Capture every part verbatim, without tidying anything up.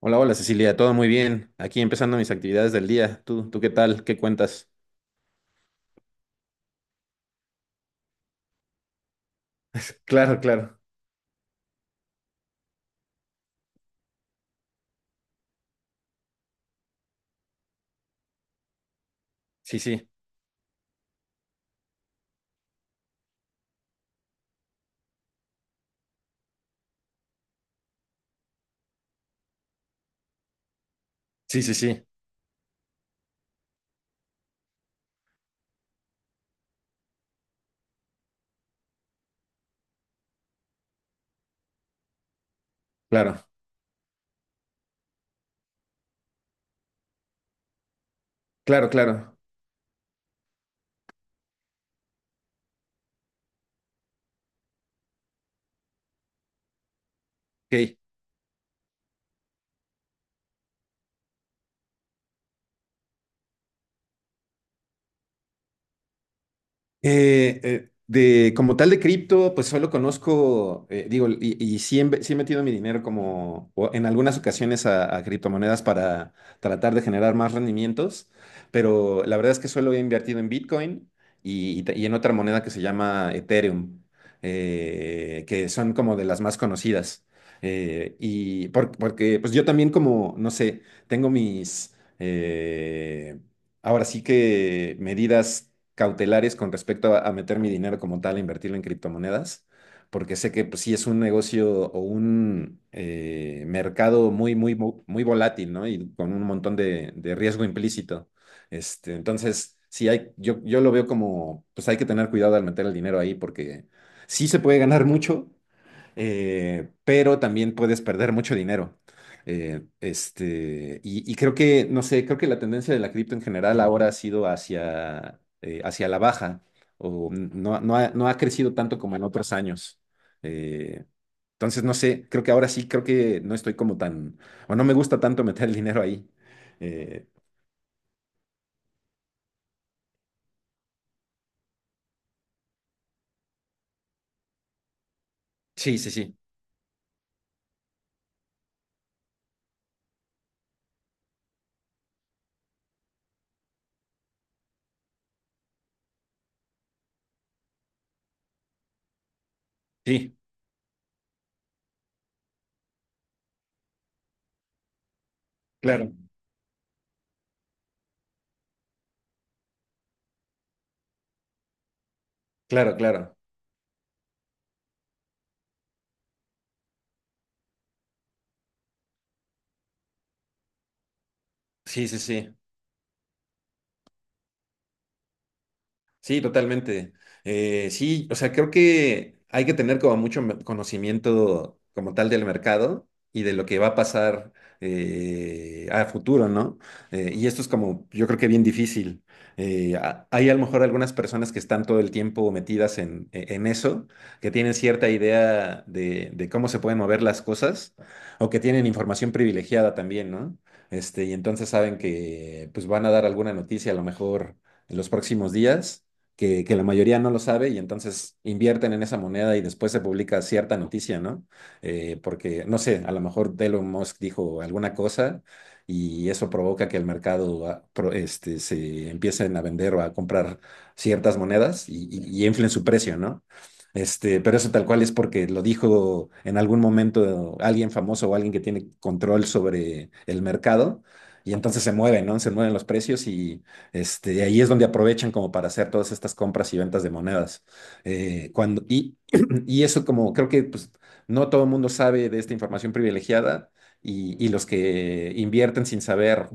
Hola, hola Cecilia, todo muy bien. Aquí empezando mis actividades del día. ¿Tú, tú qué tal? ¿Qué cuentas? Claro, claro. Sí, sí. Sí, sí, sí. Claro, claro, claro. Ok. Eh, eh, de, como tal de cripto, pues solo conozco, eh, digo, y, y sí, he, inve- sí he metido mi dinero como o en algunas ocasiones a, a criptomonedas para tratar de generar más rendimientos, pero la verdad es que solo he invertido en Bitcoin y, y ta- y en otra moneda que se llama Ethereum, eh, que son como de las más conocidas. Eh, y por- porque pues yo también como, no sé, tengo mis... eh, ahora sí que medidas cautelares con respecto a, a meter mi dinero como tal, a invertirlo en criptomonedas, porque sé que pues, sí es un negocio o un eh, mercado muy, muy, mu- muy volátil, ¿no? Y con un montón de, de riesgo implícito. Este, entonces, sí hay, yo, yo lo veo como, pues hay que tener cuidado al meter el dinero ahí, porque sí se puede ganar mucho, eh, pero también puedes perder mucho dinero. Eh, este, y, y creo que, no sé, creo que la tendencia de la cripto en general ahora ha sido hacia, eh, hacia la baja, o no, no ha, no ha crecido tanto como en otros años. Eh, entonces, no sé, creo que ahora sí, creo que no estoy como tan, o no me gusta tanto meter el dinero ahí. Eh, sí, sí, sí, sí, claro, claro, claro. Sí, sí, sí. Sí, totalmente. Eh, sí, o sea, creo que hay que tener como mucho me- conocimiento como tal del mercado y de lo que va a pasar eh, a futuro, ¿no? Eh, y esto es como, yo creo que bien difícil. Eh, a- hay a lo mejor algunas personas que están todo el tiempo metidas en, e- en eso, que tienen cierta idea de, de cómo se pueden mover las cosas o que tienen información privilegiada también, ¿no? Este, y entonces saben que pues van a dar alguna noticia a lo mejor en los próximos días que, que la mayoría no lo sabe y entonces invierten en esa moneda y después se publica cierta noticia, ¿no? Eh, porque, no sé, a lo mejor Elon Musk dijo alguna cosa y eso provoca que el mercado ah, pro- este, se empiecen a vender o a comprar ciertas monedas y, y, y inflen su precio, ¿no? Este, pero eso tal cual es porque lo dijo en algún momento alguien famoso o alguien que tiene control sobre el mercado y entonces se mueve, ¿no? Se mueven los precios y este, y ahí es donde aprovechan como para hacer todas estas compras y ventas de monedas. Eh, cuando, y, y eso como creo que pues, no todo el mundo sabe de esta información privilegiada y, y los que invierten sin saber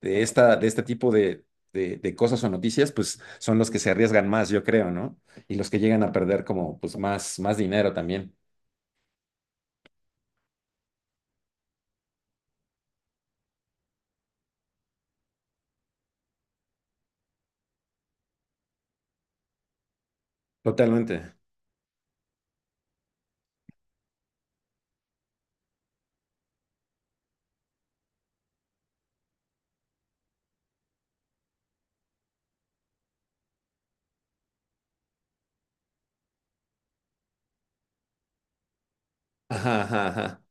de, esta, de este tipo de, de, de cosas o noticias, pues son los que se arriesgan más, yo creo, ¿no? Y los que llegan a perder como pues más, más dinero también. Totalmente. Ajá, ajá, ajá.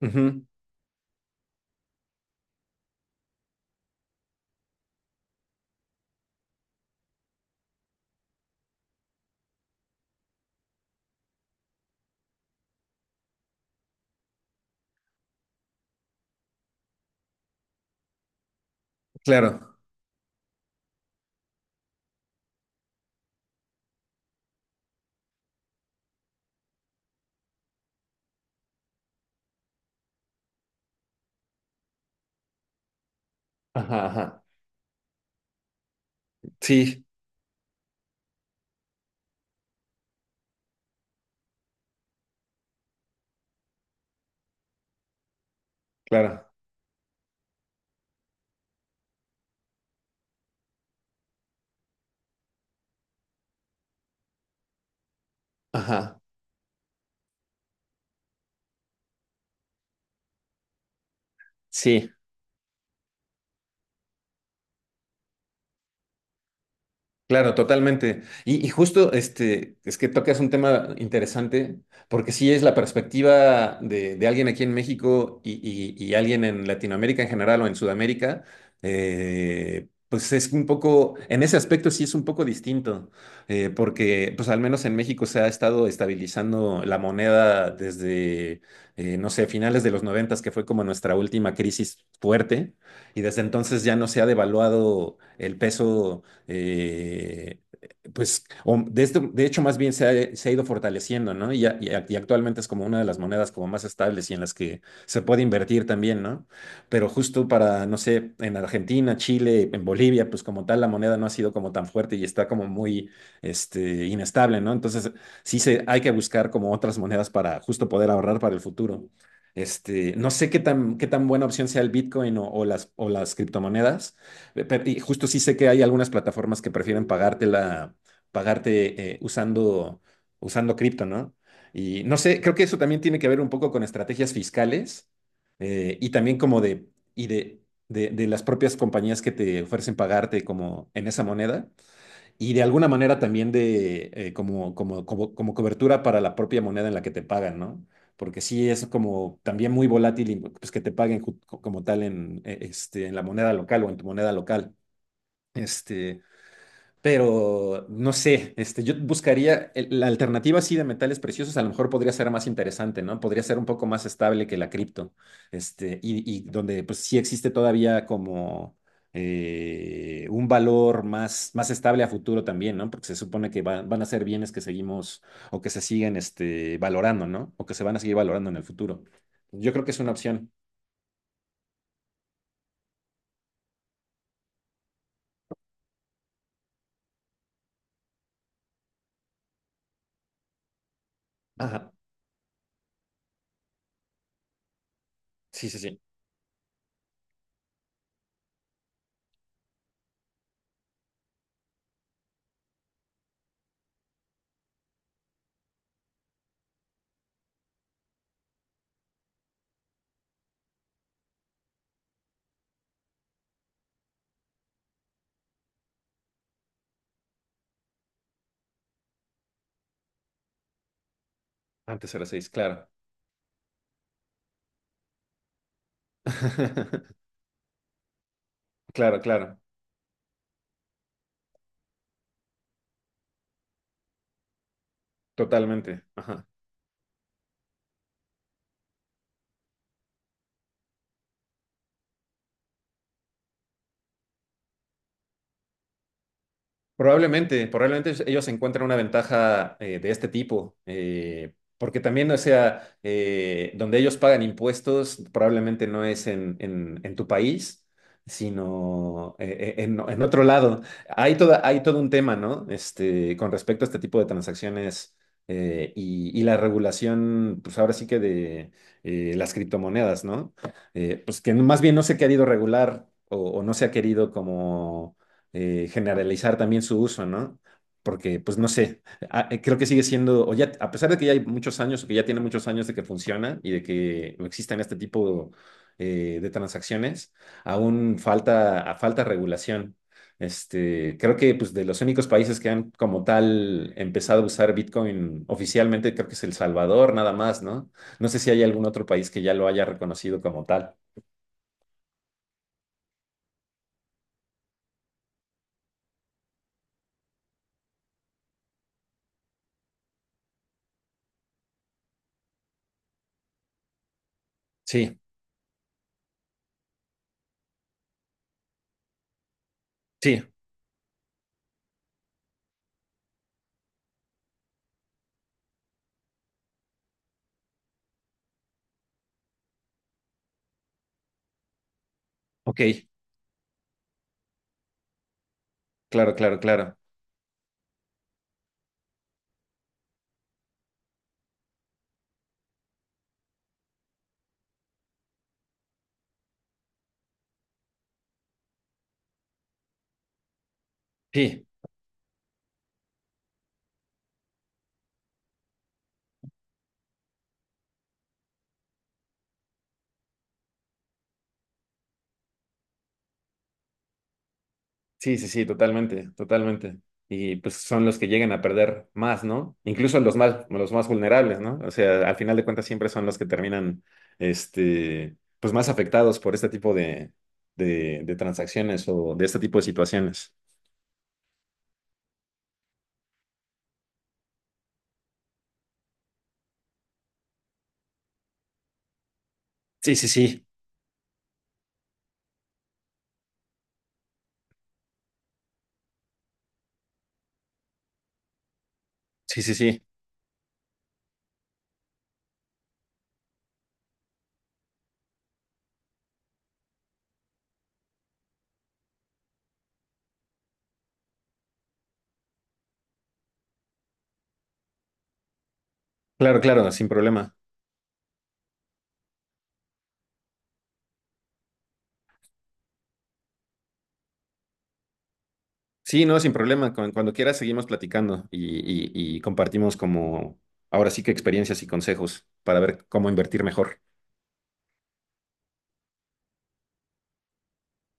Ujú, claro. Ajá, ajá. Sí, claro. Ajá. Sí. Claro, totalmente. Y, y justo este, es que tocas un tema interesante, porque sí es la perspectiva de, de alguien aquí en México y, y- y alguien en Latinoamérica en general o en Sudamérica, eh, pues es un poco, en ese aspecto sí es un poco distinto, eh, porque pues al menos en México se ha estado estabilizando la moneda desde, eh, no sé, finales de los noventas, que fue como nuestra última crisis fuerte, y desde entonces ya no se ha devaluado el peso eh, pues, o de, esto, de hecho, más bien se ha, se ha ido fortaleciendo, ¿no? Y, a- y a- y actualmente es como una de las monedas como más estables y en las que se puede invertir también, ¿no? Pero justo para, no sé, en Argentina, Chile, en Bolivia, pues como tal, la moneda no ha sido como tan fuerte y está como muy, este, inestable, ¿no? Entonces, sí se, hay que buscar como otras monedas para justo poder ahorrar para el futuro. Este, no sé qué tan, qué tan buena opción sea el Bitcoin o, o las, o las criptomonedas, pero- y justo sí sé que hay algunas plataformas que prefieren pagártela, pagarte eh, usando, usando cripto, ¿no? Y no sé, creo que eso también tiene que ver un poco con estrategias fiscales eh, y también como de, y de, de, de las propias compañías que te ofrecen pagarte como en esa moneda y de alguna manera también de eh, como, como, como, como cobertura para la propia moneda en la que te pagan, ¿no? Porque sí es como también muy volátil y, pues, que te paguen ju- como tal en, eh, este, en la moneda local o en tu moneda local. Este, pero no sé, este, yo buscaría el- la alternativa así de metales preciosos, a lo mejor podría ser más interesante, ¿no? Podría ser un poco más estable que la cripto, este, y, y donde pues sí existe todavía como eh, un valor más, más estable a futuro también, ¿no? Porque se supone que va- van a ser bienes que seguimos o que se siguen este, valorando, ¿no? O que se van a seguir valorando en el futuro. Yo creo que es una opción. Ajá, sí, sí, sí. Antes era seis, claro. Claro, claro. Totalmente. Ajá. Probablemente, probablemente ellos encuentran una ventaja eh, de este tipo, eh, porque también, o sea, eh, donde ellos pagan impuestos, probablemente no es en, en- en tu país, sino eh, eh, en, en otro lado. Hay toda, hay todo un tema, ¿no? Este, con respecto a este tipo de transacciones eh, y, y la regulación, pues ahora sí que de eh, las criptomonedas, ¿no? Eh, pues que más bien no se ha querido regular o, o no se ha querido como eh, generalizar también su uso, ¿no? Porque, pues no sé, a- eh, creo que sigue siendo, o ya, a pesar de que ya hay muchos años, o que ya tiene muchos años de que funciona y de que existen este tipo eh, de transacciones, aún falta, a- falta regulación. Este, creo que pues, de los únicos países que han como tal empezado a usar Bitcoin oficialmente, creo que es El Salvador, nada más, ¿no? No sé si hay algún otro país que ya lo haya reconocido como tal. Sí, sí, ok, claro, claro, claro. Sí. Sí, sí, sí, totalmente, totalmente. Y pues son los que llegan a perder más, ¿no? Incluso los más, los más vulnerables, ¿no? O sea, al final de cuentas siempre son los que terminan, este, pues más afectados por este tipo de, de, de transacciones o de este tipo de situaciones. Sí, sí, sí, sí, sí, sí. Claro, claro, sin problema. Sí, no, sin problema. Cu- Cuando quieras seguimos platicando y, y, y compartimos como, ahora sí que experiencias y consejos para ver cómo invertir mejor.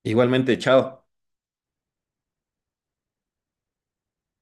Igualmente, chao.